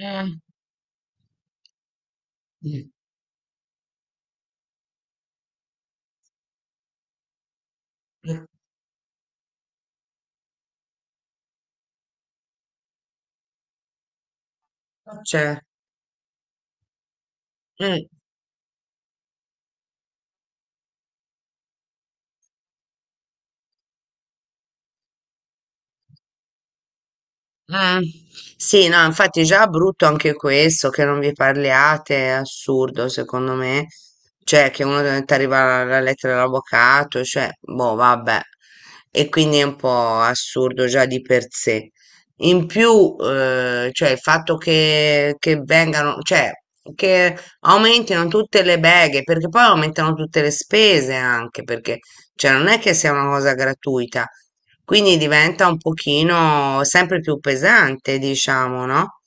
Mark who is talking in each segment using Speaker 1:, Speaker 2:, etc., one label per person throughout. Speaker 1: Mm, mm, mm. Cioè, mm, mm. Sì, no, infatti già brutto anche questo, che non vi parliate, è assurdo secondo me. Cioè, che uno ti arriva la lettera dall'avvocato, cioè, boh, vabbè. E quindi è un po' assurdo già di per sé. In più, cioè, il fatto che vengano, cioè, che aumentino tutte le beghe, perché poi aumentano tutte le spese anche, perché, cioè, non è che sia una cosa gratuita. Quindi diventa un pochino sempre più pesante, diciamo, no?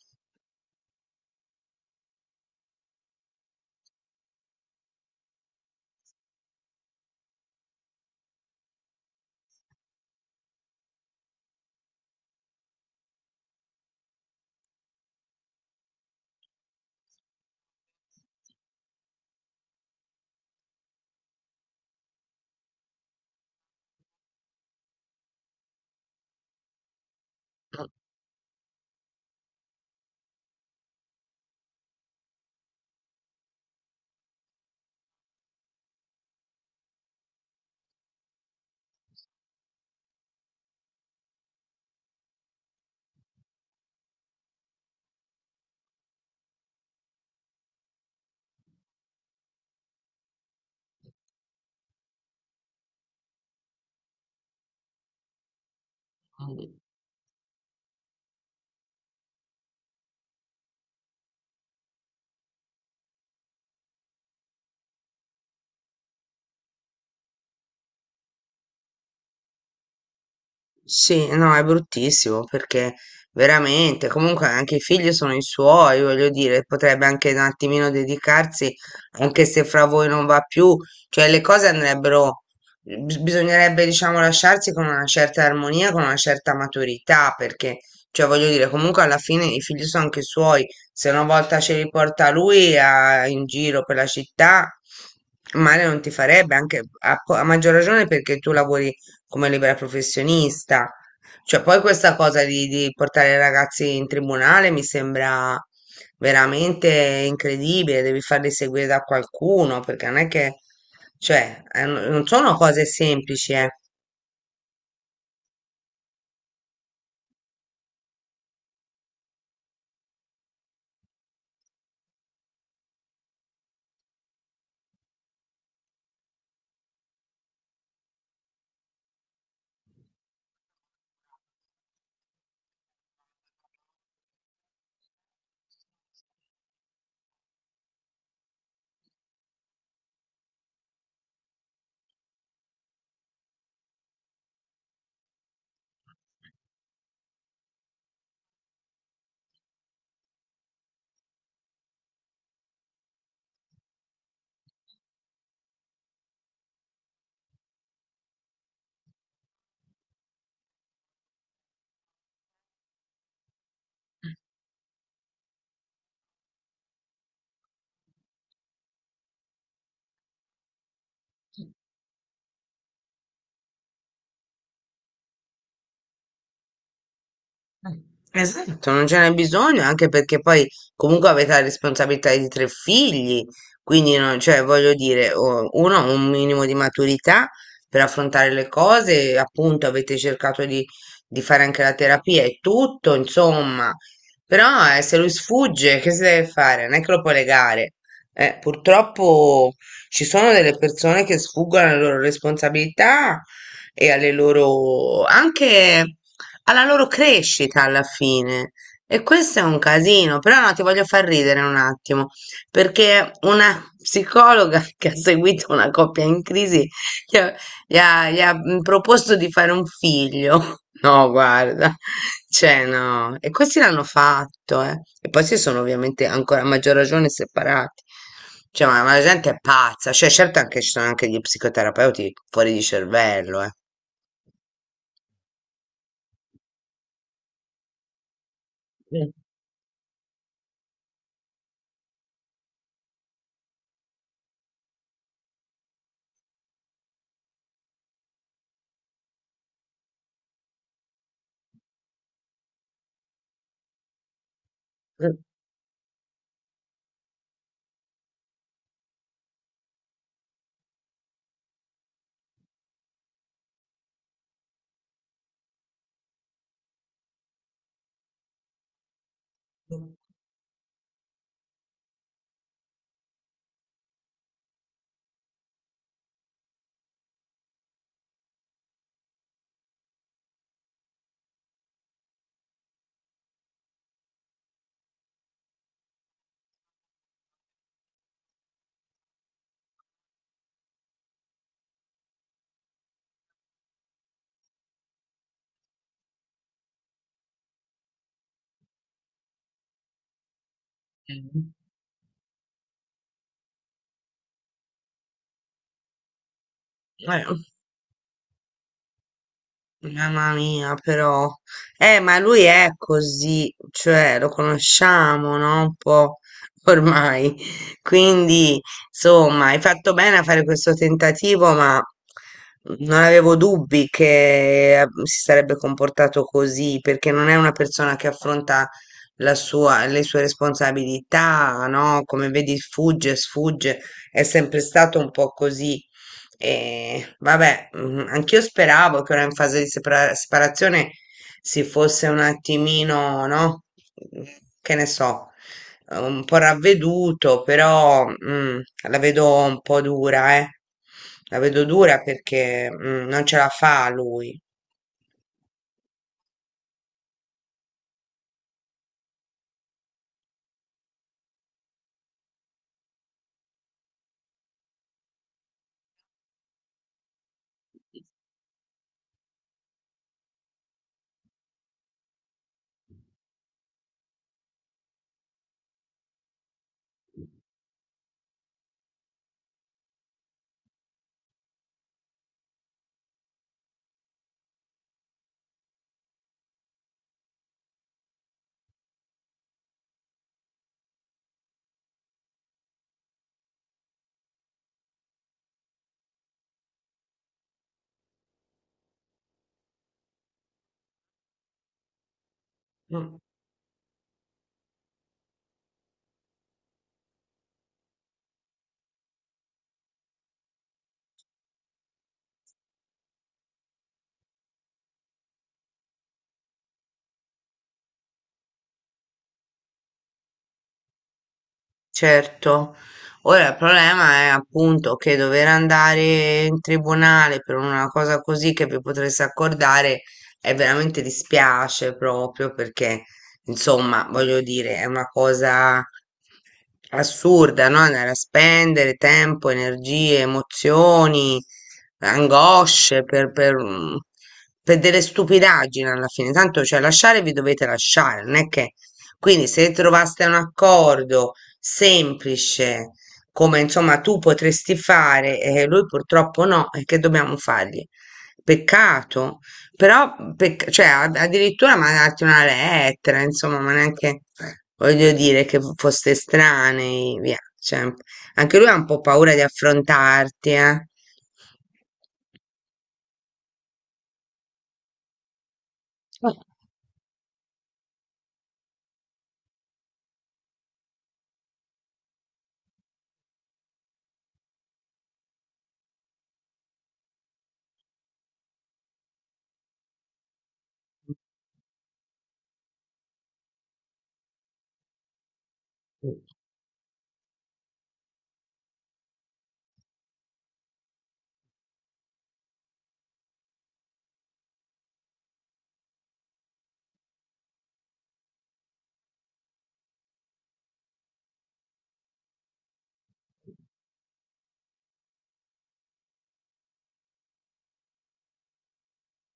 Speaker 1: Sì, no, è bruttissimo perché veramente, comunque anche i figli sono i suoi, voglio dire, potrebbe anche un attimino dedicarsi, anche se fra voi non va più, cioè le cose andrebbero, bisognerebbe, diciamo, lasciarsi con una certa armonia, con una certa maturità, perché, cioè, voglio dire, comunque alla fine i figli sono anche suoi, se una volta ce li porta lui in giro per la città, male non ti farebbe, anche a maggior ragione perché tu lavori come libera professionista. Cioè, poi questa cosa di portare i ragazzi in tribunale mi sembra veramente incredibile, devi farli seguire da qualcuno, perché non è che, cioè, non sono cose semplici, eh. Esatto, non ce n'è bisogno, anche perché poi comunque avete la responsabilità di tre figli, quindi cioè, voglio dire, uno ha un minimo di maturità per affrontare le cose, appunto avete cercato di fare anche la terapia e tutto, insomma, però se lui sfugge, che si deve fare? Non è che lo può legare. Purtroppo ci sono delle persone che sfuggono alle loro responsabilità e alle loro anche alla loro crescita alla fine. E questo è un casino, però no, ti voglio far ridere un attimo, perché una psicologa che ha seguito una coppia in crisi gli ha, gli ha proposto di fare un figlio. No, guarda, cioè no, e questi l'hanno fatto, eh. E poi si sono ovviamente ancora a maggior ragione separati. Cioè, ma la gente è pazza, cioè certo anche ci sono anche gli psicoterapeuti fuori di cervello, eh. Mm, mm. Okay. Ho Mamma mia, però. Ma lui è così, cioè lo conosciamo, no? Un po' ormai. Quindi, insomma, hai fatto bene a fare questo tentativo, ma non avevo dubbi che si sarebbe comportato così, perché non è una persona che affronta le sue responsabilità, no? Come vedi, fugge, sfugge, è sempre stato un po' così. E vabbè, anch'io speravo che ora in fase di separazione si fosse un attimino, no? Che ne so, un po' ravveduto, però la vedo un po' dura, eh. La vedo dura perché non ce la fa lui. Certo, ora il problema è appunto che dover andare in tribunale per una cosa così che vi potreste accordare è veramente dispiace proprio perché insomma voglio dire è una cosa assurda, no? Andare a spendere tempo, energie, emozioni, angosce per delle stupidaggini alla fine. Tanto cioè lasciare vi dovete lasciare, non è che quindi se trovaste un accordo semplice, come insomma tu potresti fare e lui purtroppo no, e che dobbiamo fargli? Peccato, però cioè, addirittura mandarti una lettera, insomma, ma neanche voglio dire che foste strani, via. Cioè, anche lui ha un po' paura di affrontarti, eh.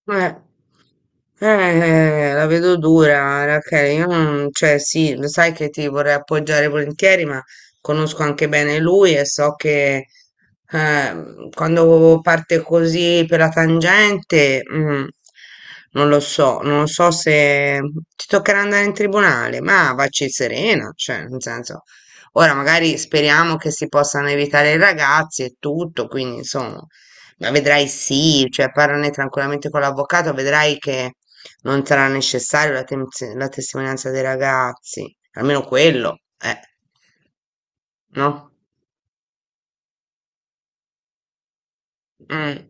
Speaker 1: Eh, eh, la vedo dura, Rachele. Io non, cioè, sì, lo sai che ti vorrei appoggiare volentieri, ma conosco anche bene lui e so che quando parte così per la tangente, non lo so, non lo so se ti toccherà andare in tribunale, ma vacci serena, cioè, nel senso, ora magari speriamo che si possano evitare i ragazzi e tutto, quindi insomma. Ma vedrai sì, cioè parlane tranquillamente con l'avvocato, vedrai che non sarà necessario la testimonianza dei ragazzi, almeno quello, no? Mm.